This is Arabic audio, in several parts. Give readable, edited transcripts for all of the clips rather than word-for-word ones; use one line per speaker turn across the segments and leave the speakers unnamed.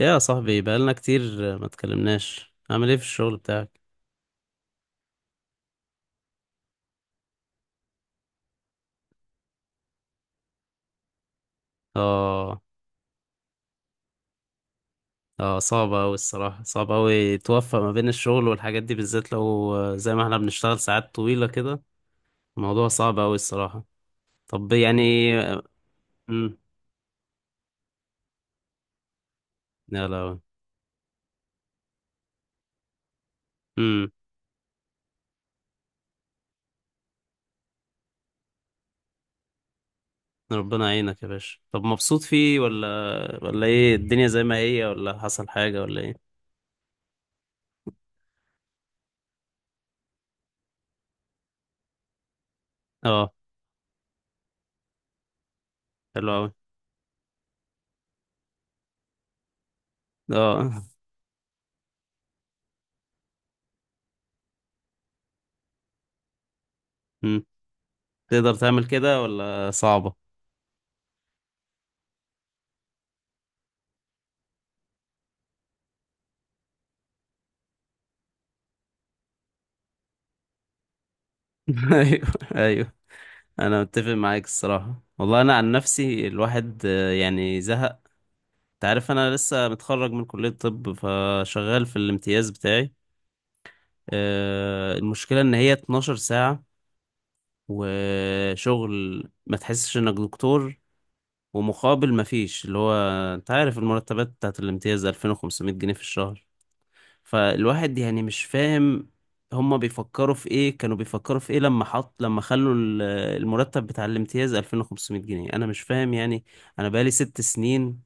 يا صاحبي بقالنا كتير، ما اتكلمناش عامل ايه في الشغل بتاعك؟ اه، اه، صعب اوي الصراحة، صعب اوي توفق ما بين الشغل والحاجات دي، بالذات لو زي ما احنا بنشتغل ساعات طويلة كده. الموضوع صعب اوي الصراحة. طب يعني. امم. لا، لا. امم. ربنا يعينك يا باشا. طب مبسوط فيه ولا، ولا ايه، الدنيا زي ما هي ولا حصل حاجة ولا ايه؟ اه. حلو اوي. اه. مم. تقدر تعمل كده ولا صعبة؟ ايوه، ايوه، انا متفق معاك الصراحه، والله انا عن نفسي الواحد يعني زهق. انت عارف انا لسه متخرج من كليه طب، فشغال في الامتياز بتاعي. المشكله ان هي 12 ساعه، وشغل ما تحسش انك دكتور، ومقابل ما فيش، اللي هو انت عارف المرتبات بتاعت الامتياز 2500 جنيه في الشهر. فالواحد يعني مش فاهم، هما بيفكروا في ايه، كانوا بيفكروا في ايه لما حط، المرتب بتاع الامتياز 2500 جنيه؟ انا مش فاهم يعني. انا بقالي 6 سنين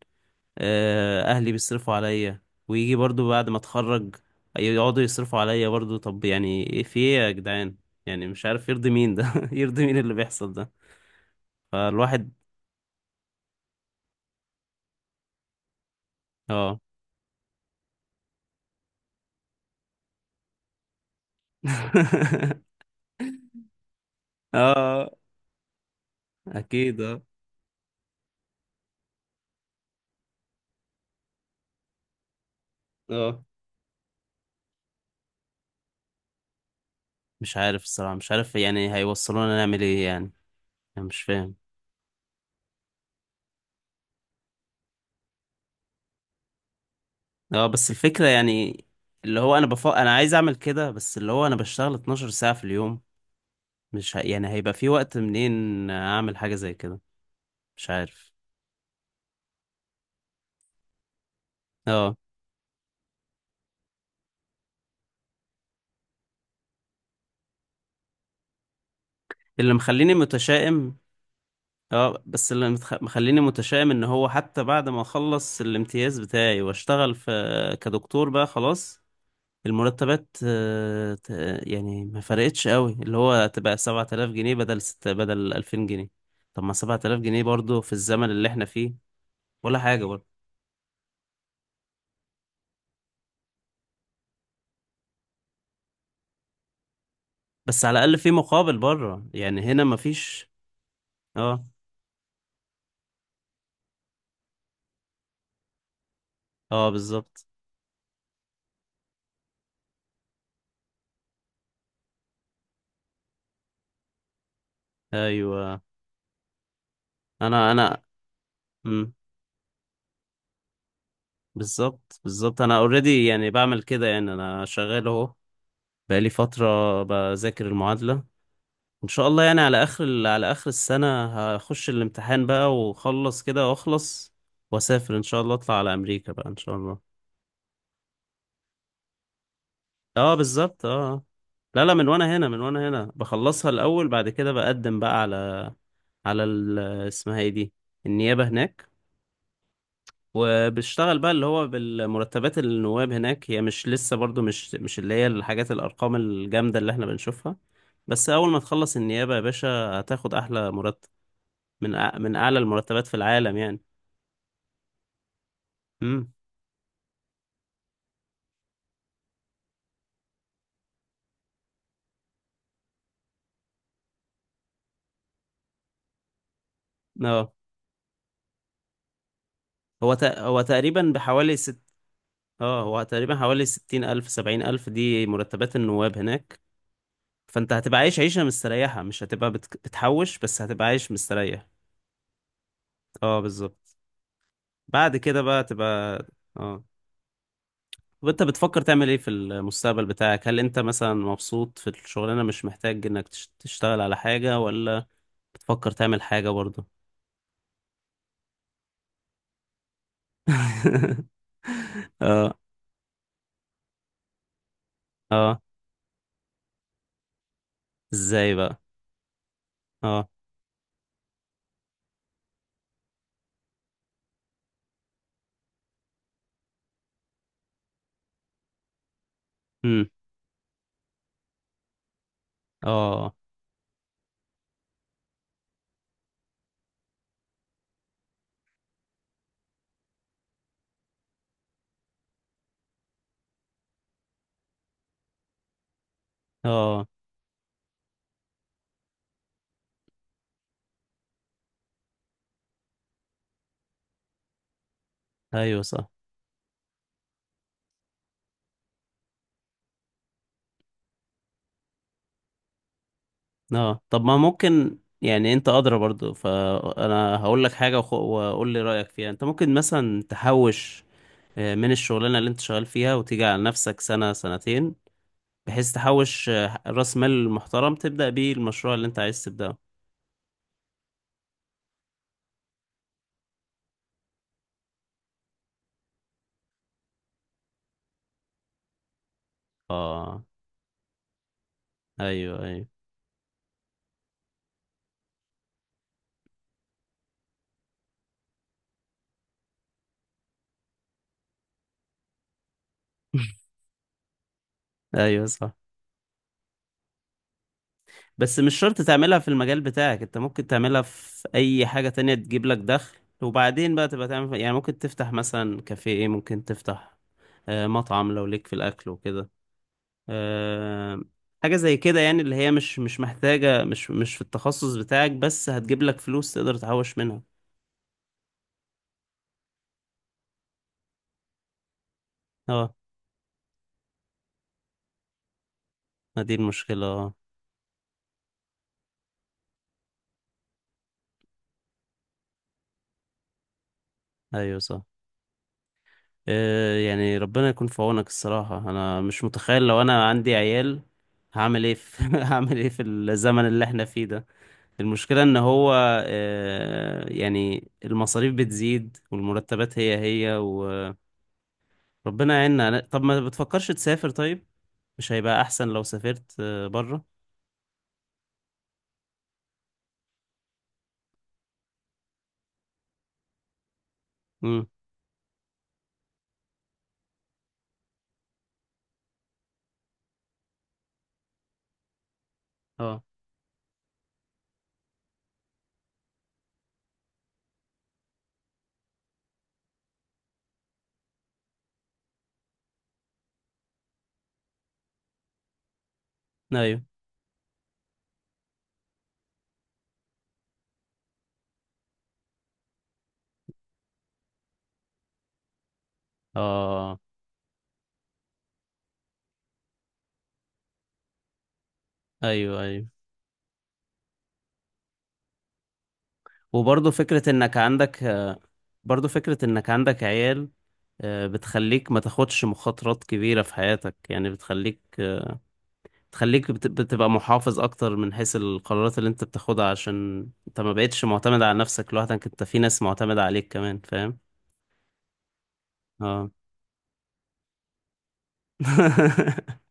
اهلي بيصرفوا عليا، ويجي برضو بعد ما اتخرج يقعدوا يصرفوا عليا برضو. طب يعني ايه، في ايه يا جدعان؟ يعني مش عارف يرضي مين ده؟ يرضي مين اللي بيحصل ده. فالواحد. اه. اه، اكيد. اه. اه مش عارف الصراحة، مش عارف يعني هيوصلونا نعمل ايه يعني. انا مش فاهم. اه بس الفكرة يعني، اللي هو انا عايز اعمل كده، بس اللي هو انا بشتغل 12 ساعة في اليوم. مش ه... يعني هيبقى في وقت منين اعمل حاجة زي كده؟ مش عارف. اه. اللي مخليني متشائم، اه بس مخليني متشائم ان هو حتى بعد ما اخلص الامتياز بتاعي واشتغل في كدكتور بقى خلاص، المرتبات يعني ما فرقتش قوي، اللي هو تبقى 7000 جنيه بدل 2000 جنيه. طب ما 7000 جنيه برضو في الزمن اللي احنا فيه ولا حاجة برضه. بس على الأقل في مقابل بره، يعني هنا مفيش. اه. اه بالظبط. أيوه. أنا. مم. بالظبط، بالظبط، أنا أوريدي يعني بعمل كده، يعني أنا شغال أهو، بقالي فترة بذاكر المعادلة. إن شاء الله يعني على آخر السنة هخش الامتحان بقى وأخلص كده، وأخلص وأسافر إن شاء الله، أطلع على أمريكا بقى إن شاء الله. اه بالظبط، اه. آه. لا، لا، من وأنا هنا، بخلصها الأول، بعد كده بقدم بقى على، على ال- اسمها ايه دي، النيابة هناك، وبشتغل بقى اللي هو بالمرتبات النواب هناك. هي مش لسه برضو مش اللي هي الحاجات الأرقام الجامدة اللي احنا بنشوفها، بس أول ما تخلص النيابة يا باشا هتاخد أحلى مرتب من أعلى المرتبات في العالم يعني. امم. اه. هو ت... هو تقريبا بحوالي ست اه هو تقريبا حوالي 60,000، 70,000، دي مرتبات النواب هناك. فأنت هتبقى عايش عيشة مستريحة، مش هتبقى بتحوش، بس هتبقى عايش مستريح. اه بالظبط. بعد كده بقى تبقى. اه. طب انت بتفكر تعمل ايه في المستقبل بتاعك؟ هل انت مثلا مبسوط في الشغلانة، مش محتاج انك تشتغل على حاجة، ولا بتفكر تعمل حاجة برضه؟ اه. اه. ازاي بقى؟ اه. امم. اه. اه. ايوه صح. اه طب ما ممكن، يعني انت ادرى برضه، فانا هقول لك حاجة وقول لي رأيك فيها. انت ممكن مثلا تحوش من الشغلانة اللي انت شغال فيها، وتيجي على نفسك سنة سنتين بحيث تحوش راس مال محترم تبدأ بيه المشروع اللي انت عايز تبدأه. اه. ايوه، ايوه. ايوه صح. بس مش شرط تعملها في المجال بتاعك، انت ممكن تعملها في اي حاجة تانية تجيب لك دخل، وبعدين بقى تبقى تعمل يعني. ممكن تفتح مثلا كافيه، ممكن تفتح مطعم لو ليك في الاكل وكده. آه، حاجة زي كده يعني، اللي هي مش محتاجة، مش في التخصص بتاعك، بس هتجيب لك فلوس تقدر تحوش منها. اه. ما دي المشكلة. اه، ايوه صح. يعني ربنا يكون في عونك الصراحة. أنا مش متخيل لو أنا عندي عيال هعمل إيه في، هعمل إيه في الزمن اللي إحنا فيه ده؟ المشكلة إن هو يعني المصاريف بتزيد والمرتبات هي هي، وربنا يعيننا. طب ما بتفكرش تسافر طيب؟ مش هيبقى أحسن لو سافرت بره؟ امم. اه. أيوه. اه. أيوه، أيوه. وبرضه فكرة إنك عندك برضو فكرة انك عندك عيال بتخليك ما تاخدش مخاطرات كبيرة في حياتك، يعني بتخليك، بتبقى محافظ اكتر من حيث القرارات اللي انت بتاخدها، عشان انت ما بقتش معتمد على نفسك لوحدك، انت في ناس معتمدة عليك كمان، فاهم؟ اه.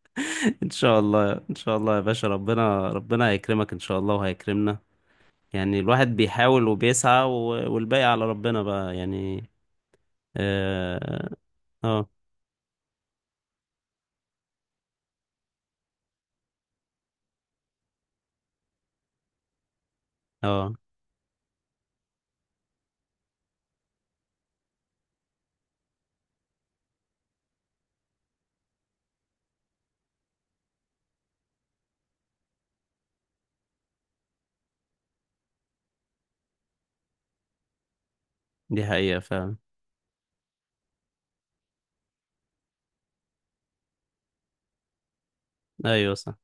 ان شاء الله، ان شاء الله يا باشا، ربنا، ربنا هيكرمك ان شاء الله وهيكرمنا. يعني الواحد بيحاول وبيسعى، والباقي على ربنا بقى يعني. اه. اه. آه، دي حقيقة فعلا. ايوه صح.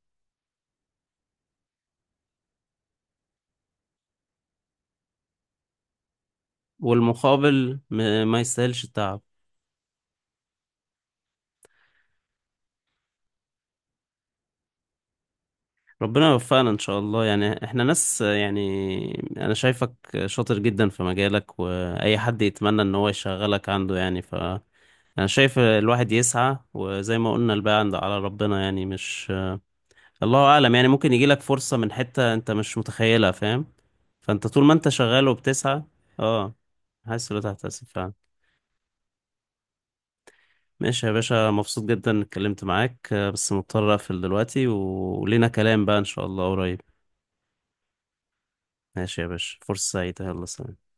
والمقابل ما يستاهلش التعب. ربنا يوفقنا ان شاء الله. يعني احنا ناس يعني، انا شايفك شاطر جدا في مجالك، واي حد يتمنى ان هو يشغلك عنده يعني. ف انا شايف الواحد يسعى، وزي ما قلنا الباقي عند على ربنا يعني، مش الله اعلم يعني، ممكن يجيلك فرصة من حتة انت مش متخيلها، فاهم؟ فانت طول ما انت شغال وبتسعى. اه. حاسس إن تحتسب فعلا. ماشي يا باشا، مبسوط جدا إني اتكلمت معاك. بس مضطر اقفل دلوقتي، ولينا كلام بقى ان شاء الله قريب. ماشي يا باشا، فرصة سعيدة، يلا سلام.